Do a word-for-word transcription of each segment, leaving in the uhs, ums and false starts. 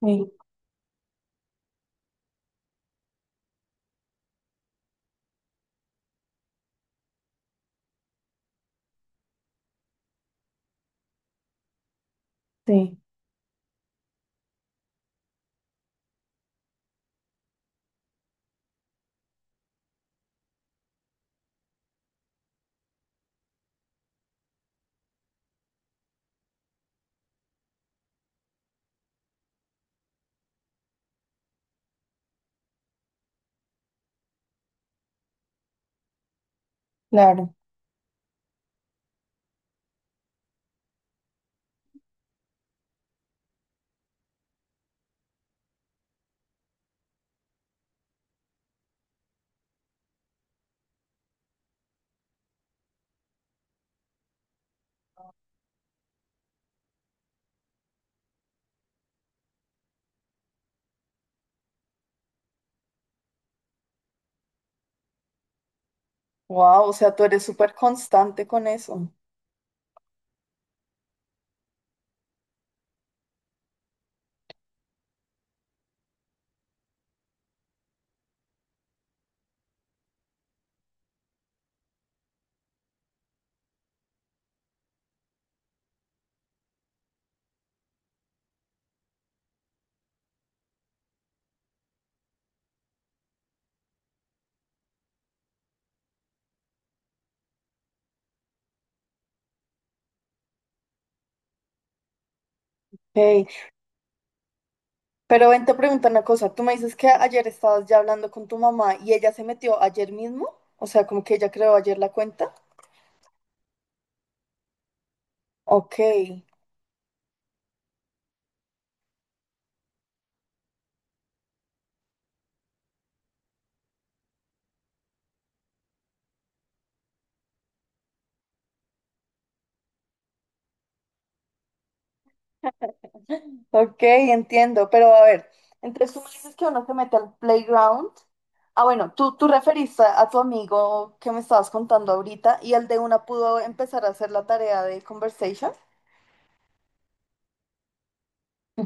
Sí, sí, claro. Wow, o sea, tú eres súper constante con eso. Hey, pero ven, te pregunto una cosa. Tú me dices que ayer estabas ya hablando con tu mamá y ella se metió ayer mismo. O sea, como que ella creó ayer la cuenta. Ok, ok, entiendo. Pero a ver, entonces tú me dices que uno se mete al playground. Ah, bueno, tú, tú referiste a tu amigo que me estabas contando ahorita y el de una pudo empezar a hacer la tarea de conversation.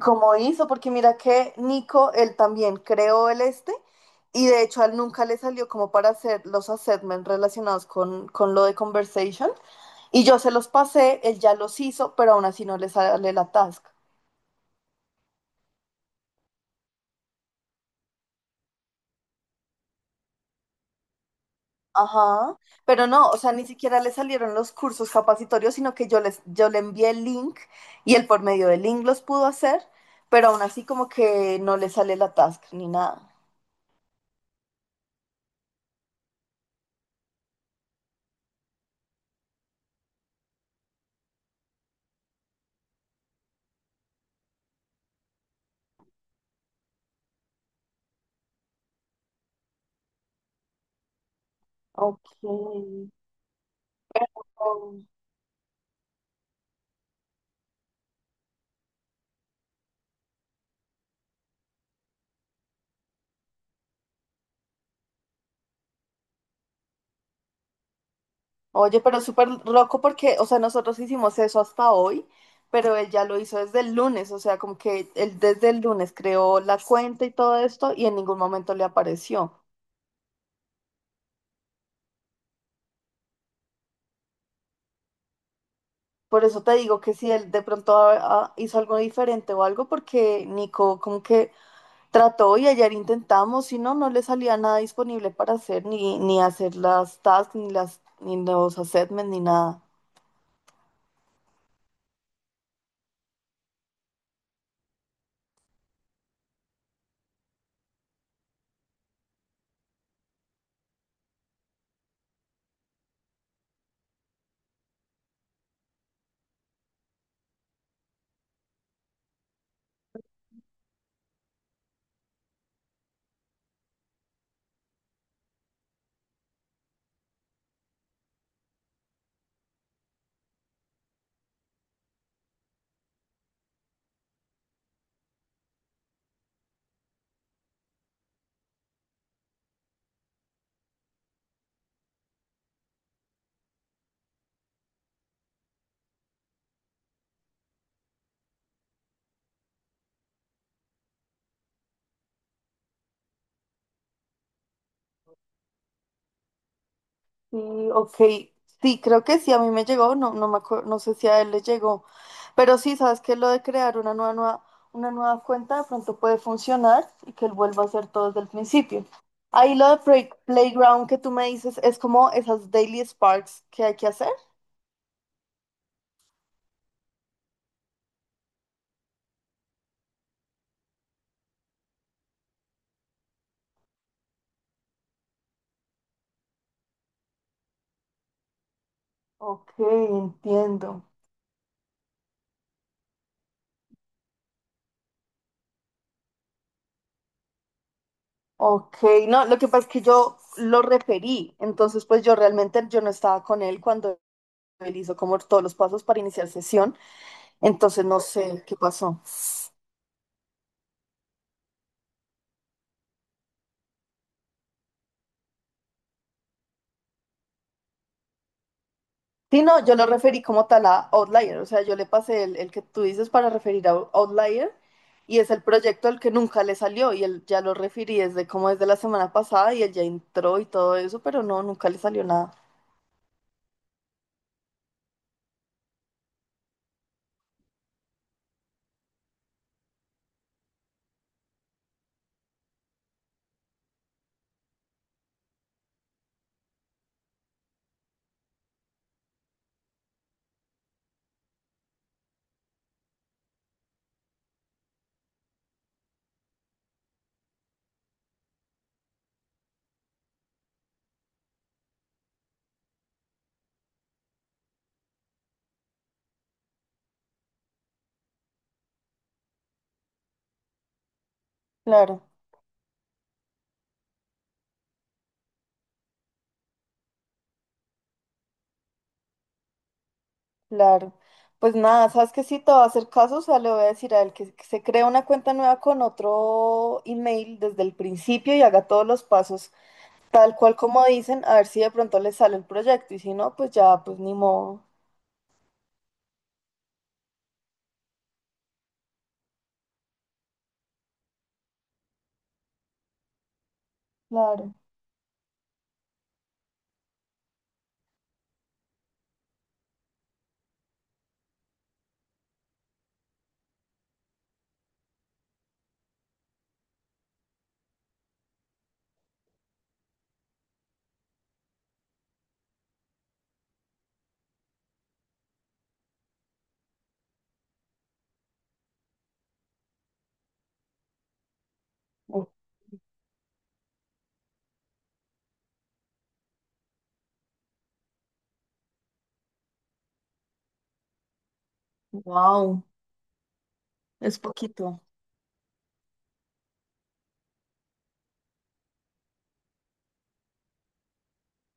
¿Cómo hizo? Porque mira que Nico, él también creó el este y de hecho a él nunca le salió como para hacer los assessments relacionados con, con lo de conversation y yo se los pasé, él ya los hizo, pero aún así no le sale la task. Ajá, pero no, o sea, ni siquiera le salieron los cursos capacitorios, sino que yo les, yo le envié el link y él por medio del link los pudo hacer, pero aún así como que no le sale la task ni nada. Ok. Oye, pero súper loco porque, o sea, nosotros hicimos eso hasta hoy, pero él ya lo hizo desde el lunes, o sea, como que él desde el lunes creó la cuenta y todo esto y en ningún momento le apareció. Por eso te digo que si él de pronto a- a- hizo algo diferente o algo, porque Nico como que trató y ayer intentamos y no, no le salía nada disponible para hacer, ni, ni hacer las tasks, ni las, ni los assessments, ni nada. Sí, ok. Sí, creo que sí, a mí me llegó, no, no me acuerdo, no sé si a él le llegó, pero sí, sabes que lo de crear una nueva, nueva- una nueva cuenta de pronto puede funcionar y que él vuelva a hacer todo desde el principio. Ahí lo de play- Playground que tú me dices es como esas daily sparks que hay que hacer. Ok, entiendo. Ok, no, lo que pasa es que yo lo referí, entonces pues yo realmente yo no estaba con él cuando él hizo como todos los pasos para iniciar sesión, entonces no sé qué pasó. Sí, no, yo lo referí como tal a Outlier, o sea, yo le pasé el, el que tú dices para referir a Outlier y es el proyecto al que nunca le salió y él ya lo referí desde como desde la semana pasada y él ya entró y todo eso, pero no, nunca le salió nada. Claro, claro. Pues nada, sabes que sí te va a hacer caso, o sea, le voy a decir a él que, que se cree una cuenta nueva con otro email desde el principio y haga todos los pasos tal cual como dicen, a ver si de pronto le sale el proyecto y si no, pues ya, pues ni modo. Claro. Wow, es poquito,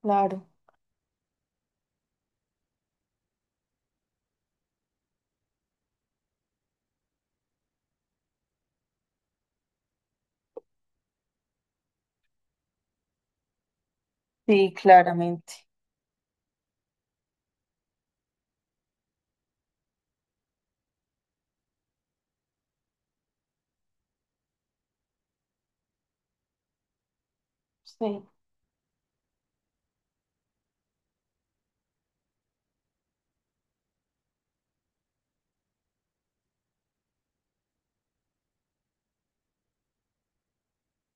claro. Sí, claramente. Sí.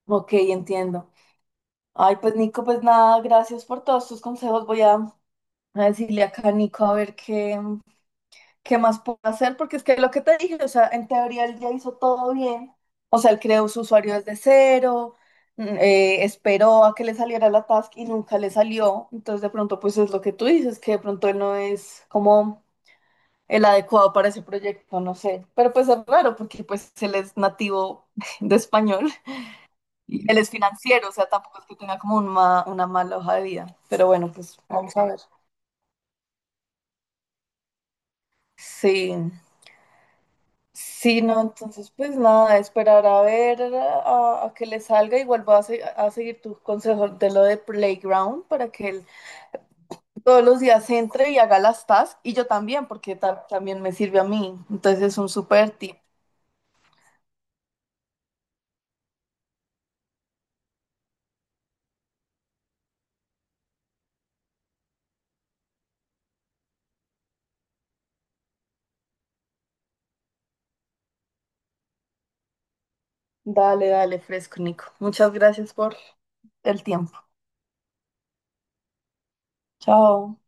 Ok, entiendo. Ay, pues Nico, pues nada, gracias por todos tus consejos. Voy a, a decirle acá a Nico a ver qué, qué más puedo hacer, porque es que lo que te dije, o sea, en teoría él ya hizo todo bien. O sea, él creó su usuario desde cero, mm, eh, esperó a que le saliera la task y nunca le salió. Entonces, de pronto, pues es lo que tú dices, que de pronto él no es como el adecuado para ese proyecto, no sé. Pero pues es raro porque pues él es nativo de español y él es financiero, o sea, tampoco es que tenga como un ma- una mala hoja de vida. Pero bueno, pues vamos a ver. Sí, sí, no, entonces pues nada, esperar a ver a, a que le salga. Igual voy a, se- a seguir tu consejo de lo de Playground para que él todos los días entre y haga las tasks y yo también, porque ta- también me sirve a mí. Entonces es un súper tip. Dale, dale, fresco, Nico. Muchas gracias por el tiempo. Chao.